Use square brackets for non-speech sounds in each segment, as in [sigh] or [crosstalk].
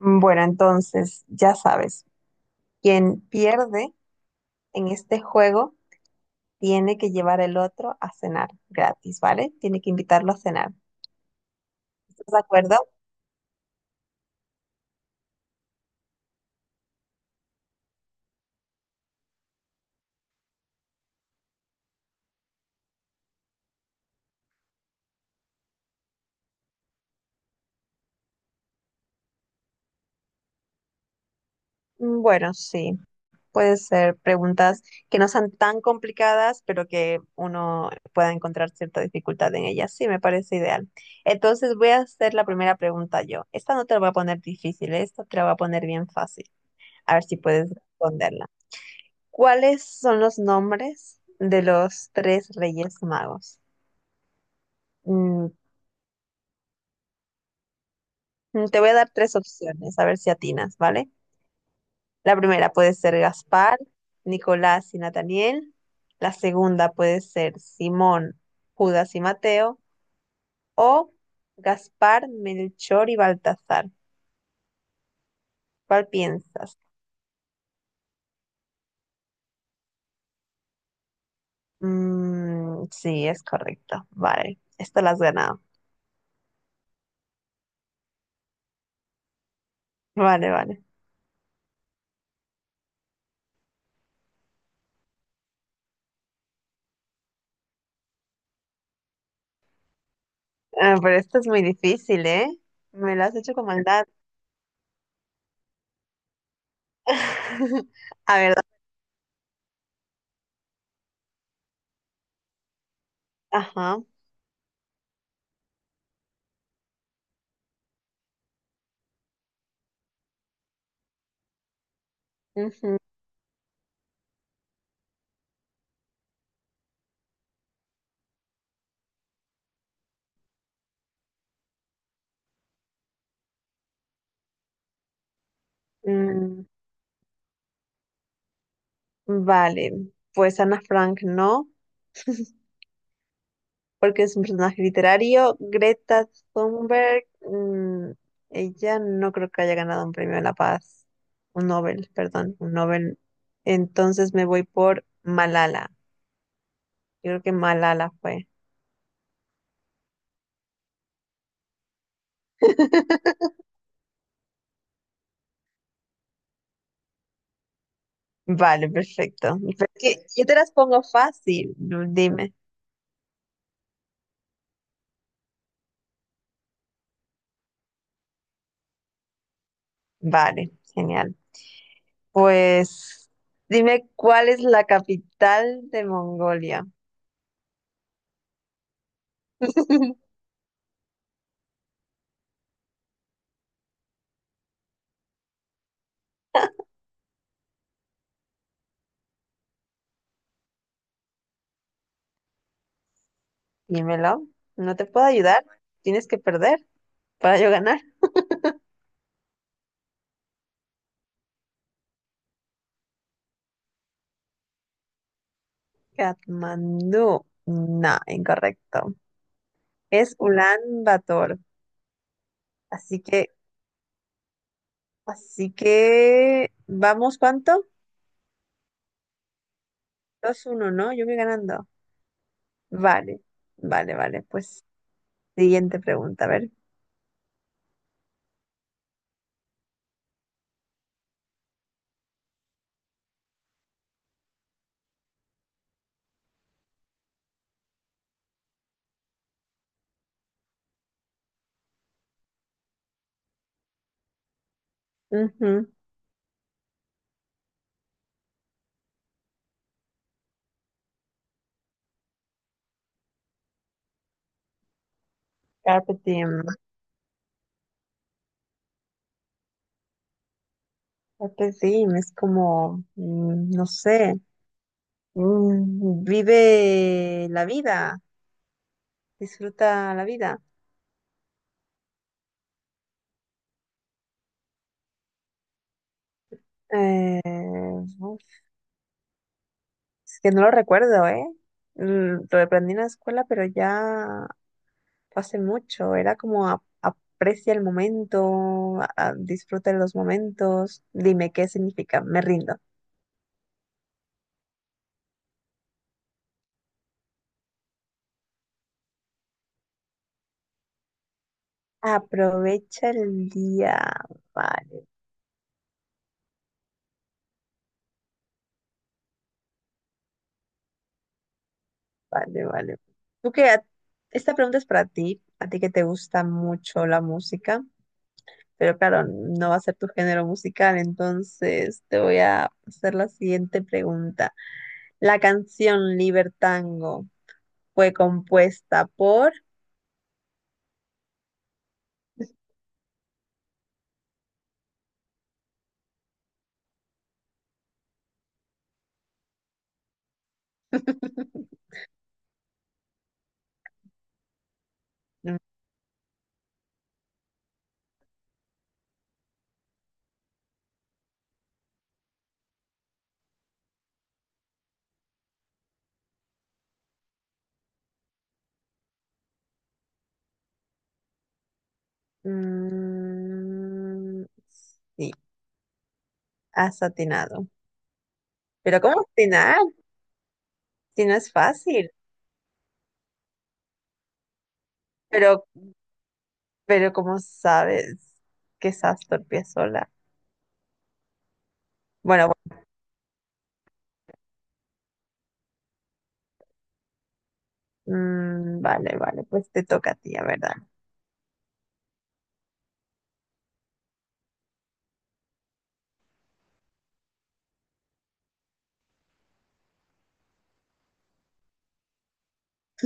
Bueno, entonces, ya sabes, quien pierde en este juego tiene que llevar el otro a cenar gratis, ¿vale? Tiene que invitarlo a cenar. ¿Estás de acuerdo? Bueno, sí, puede ser preguntas que no sean tan complicadas, pero que uno pueda encontrar cierta dificultad en ellas. Sí, me parece ideal. Entonces, voy a hacer la primera pregunta yo. Esta no te la voy a poner difícil, esta te la voy a poner bien fácil. A ver si puedes responderla. ¿Cuáles son los nombres de los tres reyes magos? Mm, te voy a dar tres opciones, a ver si atinas, ¿vale? La primera puede ser Gaspar, Nicolás y Nataniel. La segunda puede ser Simón, Judas y Mateo. O Gaspar, Melchor y Baltasar. ¿Cuál piensas? Mm, sí, es correcto. Vale, esto lo has ganado. Vale, vale. Ah, pero esto es muy difícil, ¿eh? Me lo has hecho con maldad. [laughs] A ver, ajá. Ujú, mm, vale, pues Ana Frank no, porque es un personaje literario. Greta Thunberg, ella no creo que haya ganado un premio de la paz, un Nobel, perdón, un Nobel. Entonces me voy por Malala. Yo creo que Malala fue. [laughs] Vale, perfecto. Pero es que yo te las pongo fácil, dime. Vale, genial. Pues dime cuál es la capital de Mongolia. [laughs] Dímelo. No te puedo ayudar. Tienes que perder para yo ganar. Katmandú. No, incorrecto. Es Ulan Bator. Así que, así que, ¿vamos cuánto? Dos uno, ¿no? Yo voy ganando. Vale, vale, vale. Pues siguiente pregunta, a ver. Ujú. Carpe diem. Carpe diem es como, no sé, vive la vida, disfruta la vida. Eh, uf, es que no lo recuerdo, ¿eh? Mm, lo aprendí en la escuela, pero ya fue hace mucho. Era como aprecia el momento, disfruta de los momentos. Dime qué significa, me rindo. Aprovecha el día, vale. Vale, vale. Tú que a- esta pregunta es para ti, a ti que te gusta mucho la música, pero claro, no va a ser tu género musical, entonces te voy a hacer la siguiente pregunta. La canción Libertango fue compuesta por [laughs] Mm, mm, sí, has atinado. Pero ¿cómo atinar? Si no es fácil. Pero Pero como sabes que estás torpe sola. Bueno, bueno, vale, vale, pues te toca a ti, a verdad.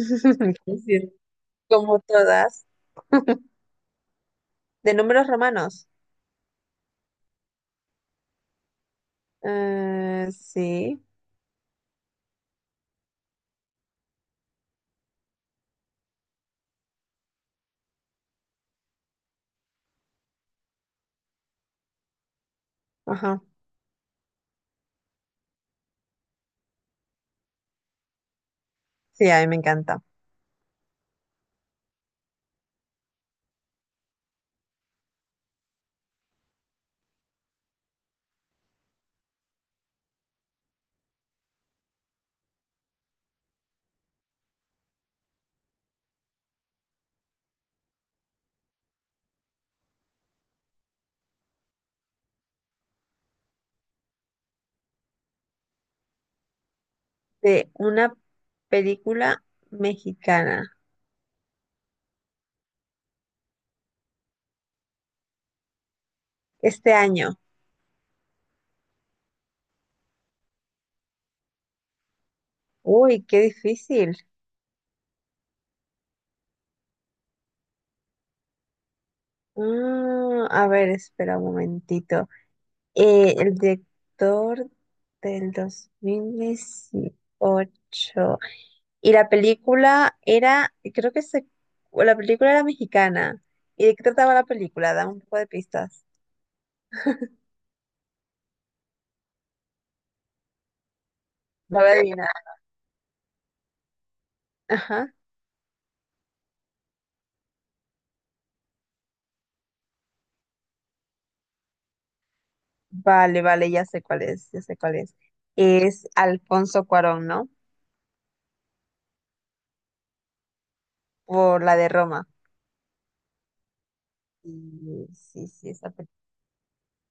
[laughs] Como todas. [laughs] De números romanos. Sí, ajá. Sí, a mí me encanta. De una película mexicana. Este año. Uy, qué difícil. Ah, a ver, espera un momentito. El director del dos mil dieciocho. Y la película era, creo que se, o la película era mexicana. ¿Y de qué trataba la película? Dame un poco de pistas. La voy a adivinar. Ajá. Vale, vale, ya sé cuál es, ya sé cuál es. Es Alfonso Cuarón, ¿no? Por la de Roma. Y sí, sí, esa película.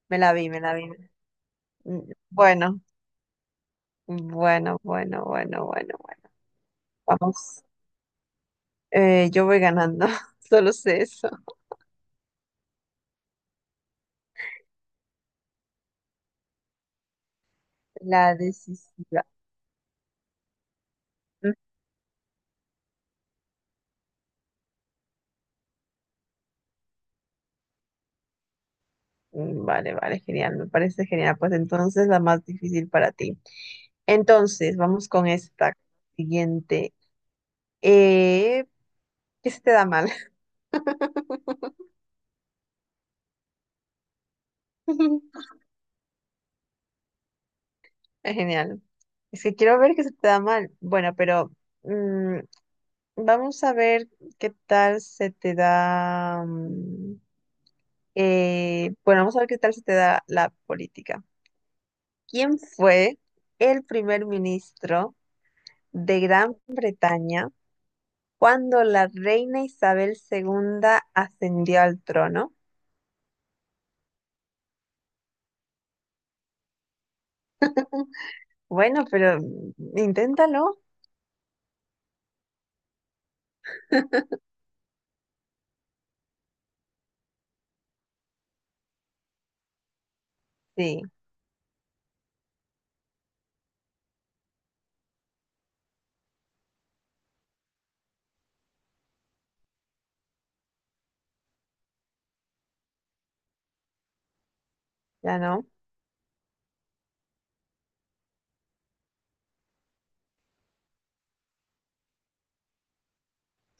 Me la vi, me la vi. Mm, bueno, bueno, bueno, bueno, bueno, bueno. Vamos. Yo voy ganando, [laughs] solo sé eso. La decisiva. Mm, vale, vale, genial, me parece genial. Pues entonces la más difícil para ti. Entonces, vamos con esta siguiente. Eh, ¿Qué se te da mal? [laughs] Genial. Es que quiero ver qué se te da mal. Bueno, pero mm, vamos a ver qué tal se te da. Bueno, vamos a ver qué tal se te da la política. ¿Quién fue el primer ministro de Gran Bretaña cuando la reina Isabel segunda ascendió al trono? Bueno, pero inténtalo. Sí, ya no.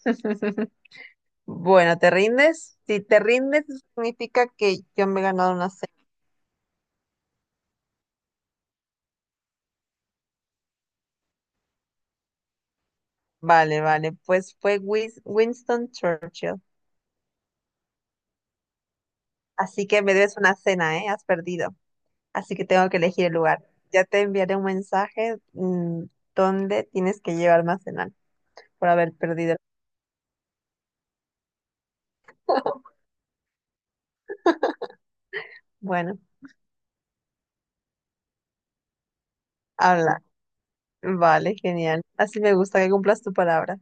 [laughs] Bueno, ¿te rindes? Si te rindes, significa que yo me he ganado una cena. Vale, vale, pues fue Winston Churchill. Así que me debes una cena, ¿eh? Has perdido. Así que tengo que elegir el lugar. Ya te enviaré un mensaje, donde tienes que llevarme a cenar por haber perdido. Bueno, habla. Vale, genial. Así me gusta que cumplas tu palabra.